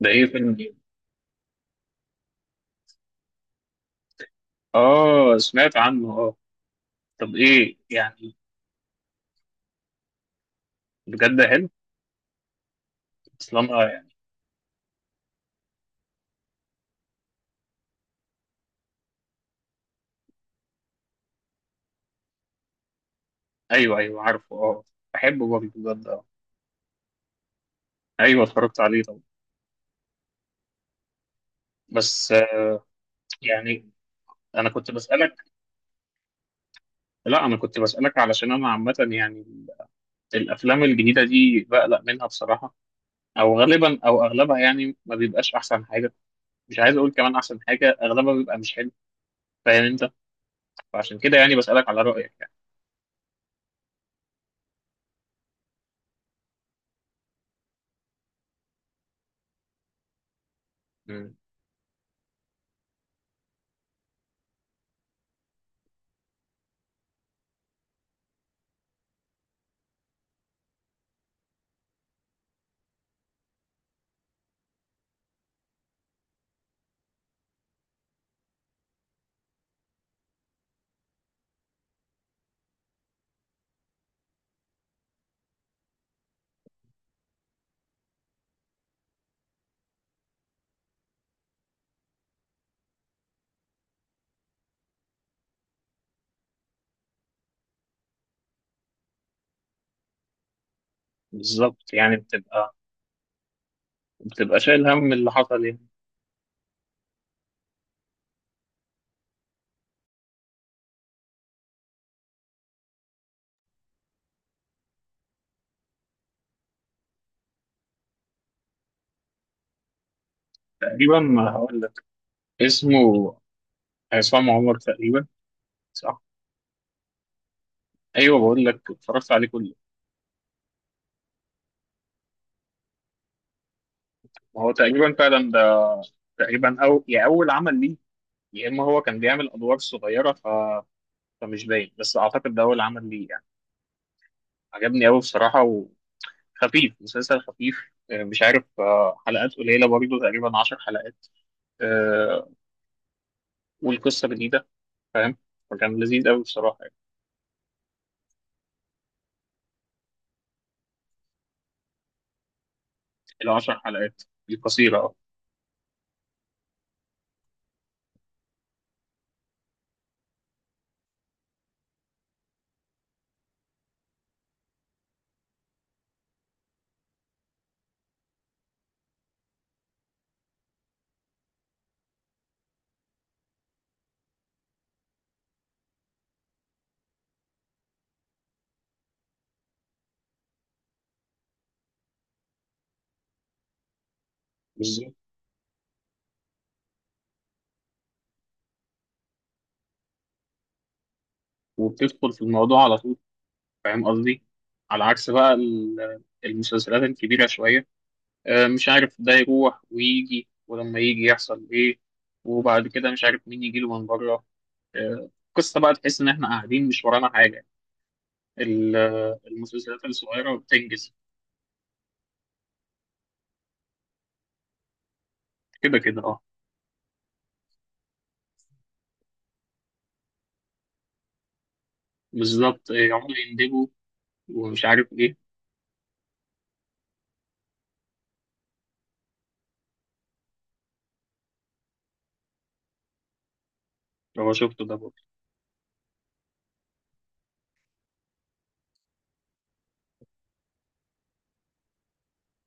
ده ايه فيلم ايه؟ اه سمعت عنه اه. طب ايه يعني، بجد حلو. اصلا اه يعني. ايوه ايوه عارفه اه. بحبه برضه بجد اه. ايوه اتفرجت عليه طبعا. بس يعني، انا كنت بسألك. لا انا كنت بسألك علشان انا عامة يعني الافلام الجديدة دي بقلق منها بصراحة، او غالبا او اغلبها يعني ما بيبقاش احسن حاجة. مش عايز اقول كمان احسن حاجة، اغلبها بيبقى مش حلو، فاهم انت؟ فعشان كده يعني بسألك على رأيك يعني. مم. بالظبط، يعني بتبقى، بتبقى شايل هم اللي حصل يعني. تقريبا هقول لك اسمه عصام عمر تقريبا، صح. ايوه بقول لك اتفرجت عليه كله. هو تقريبا فعلا ده، تقريبا او يا اول عمل ليه، يا اما هو كان بيعمل ادوار صغيره فمش باين، بس اعتقد ده اول عمل ليه يعني. عجبني قوي بصراحه، وخفيف، مسلسل خفيف مش عارف، حلقات قليله برضه، تقريبا 10 حلقات آه، والقصه جديده، فاهم؟ فكان لذيذ قوي بصراحه يعني. العشر حلقات القصيره اه. بالظبط، وبتدخل في الموضوع على طول، فاهم قصدي؟ على عكس بقى المسلسلات الكبيرة شوية، مش عارف، ده يروح ويجي ولما يجي يحصل إيه، وبعد كده مش عارف مين يجيله من بره، قصة بقى تحس إن إحنا قاعدين مش ورانا حاجة. المسلسلات الصغيرة بتنجز، كده كده أه. بالظبط يقعدوا يندبوا ومش عارف إيه. هو شفته ده برضه،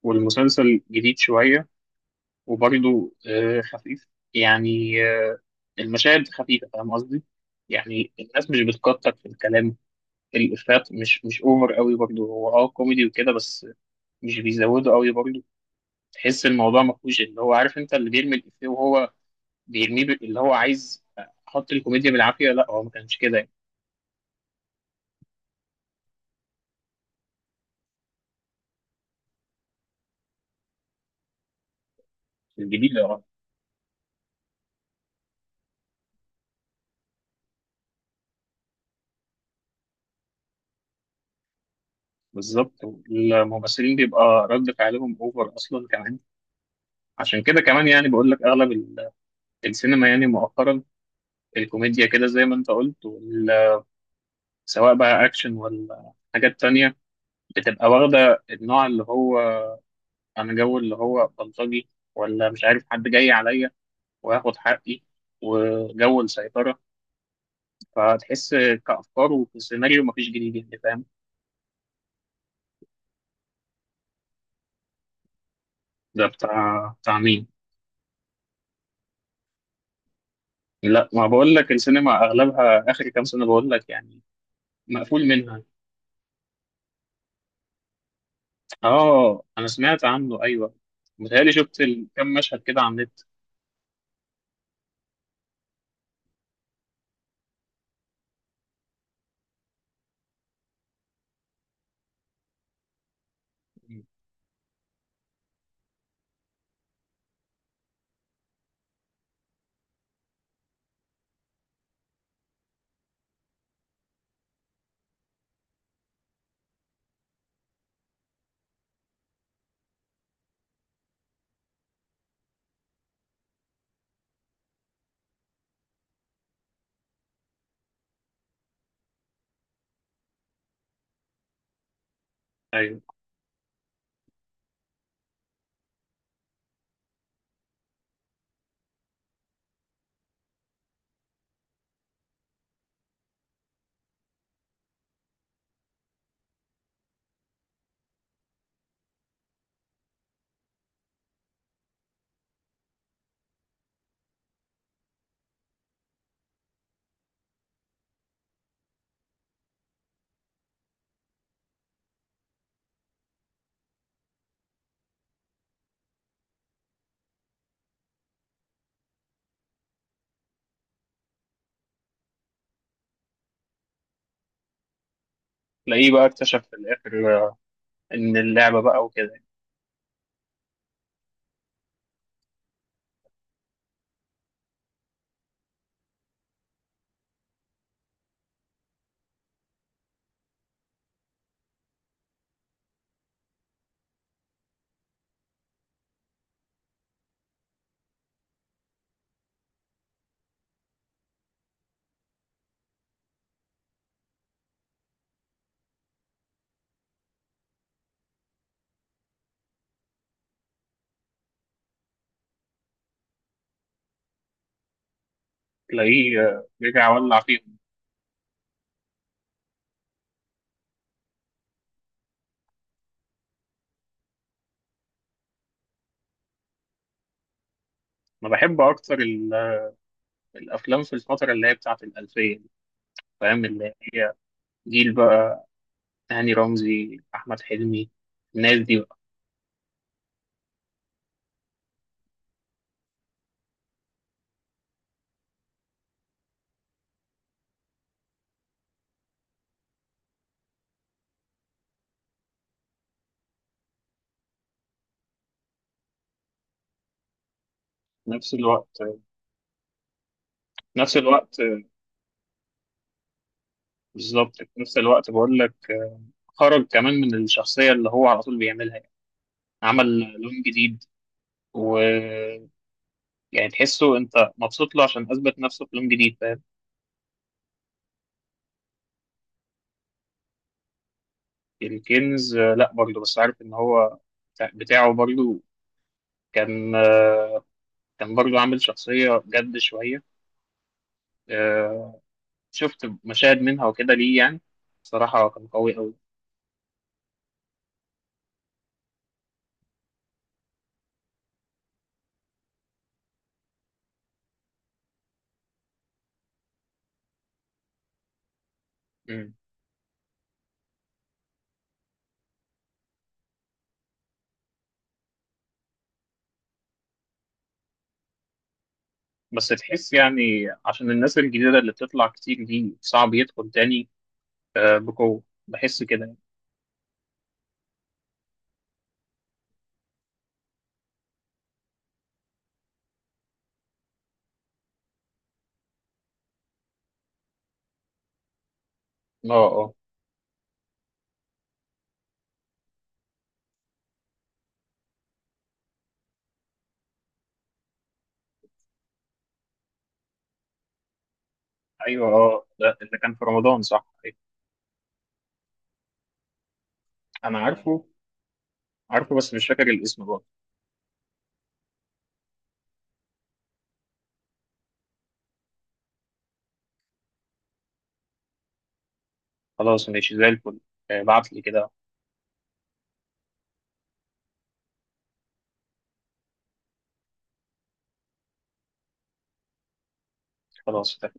والمسلسل جديد شوية، وبرضه خفيف، يعني المشاهد خفيفة، فاهم قصدي؟ يعني الناس مش بتكتر في الكلام، الإفيهات مش أوفر قوي برضه، هو أه كوميدي وكده بس، مش بيزودوا قوي برضه. تحس الموضوع ما فيهوش اللي هو، عارف أنت، اللي بيرمي الإفيه وهو بيرميه اللي هو عايز أحط الكوميديا بالعافية، لا هو ما كانش كده يعني. الجديد أه. بالظبط، الممثلين بيبقى رد فعلهم أوفر أصلا كمان. عشان كده كمان يعني بقول لك أغلب السينما يعني مؤخرا، الكوميديا كده زي ما انت قلت، سواء بقى اكشن ولا حاجات تانية، بتبقى واخدة النوع اللي هو، انا جو اللي هو بلطجي، ولا مش عارف حد جاي عليا وهاخد حقي وجو السيطرة. فتحس كأفكار وكسيناريو مفيش جديد يعني، فاهم؟ ده بتاع مين؟ لا ما بقول لك السينما اغلبها اخر كام سنة بقول لك يعني، مقفول منها. اه انا سمعت عنه ايوه، متهيألي شفت كام مشهد كده على النت. ايوه، تلاقيه بقى اكتشف في الاخر ان اللعبه بقى وكده. تلاقيه رجع ولع فيهم. انا بحب اكتر الافلام في الفتره اللي هي بتاعه الالفيه دي، فاهم، اللي هي جيل بقى، هاني رمزي، احمد حلمي، الناس دي بقى. في نفس الوقت، في نفس الوقت بالظبط في نفس الوقت بقول لك خرج كمان من الشخصيه اللي هو على طول بيعملها يعني. عمل لون جديد، و، يعني تحسه انت مبسوط له عشان اثبت نفسه في لون جديد، فاهم؟ الكنز لا برضه، بس عارف ان هو بتاعه برضه، كان كان برضو عامل شخصية جد شوية آه، شفت مشاهد منها وكده ليه يعني، صراحة كان قوي أوي. مم. بس تحس يعني عشان الناس الجديدة اللي بتطلع كتير دي صعب يدخل تاني بقوة، بحس كده يعني. اه اه. ايوه اه، ده اللي كان في رمضان صح، أيوة. انا عارفه، عارفه بس مش فاكر الاسم برضه. خلاص ماشي زي الفل، بعتلي كده. خلاص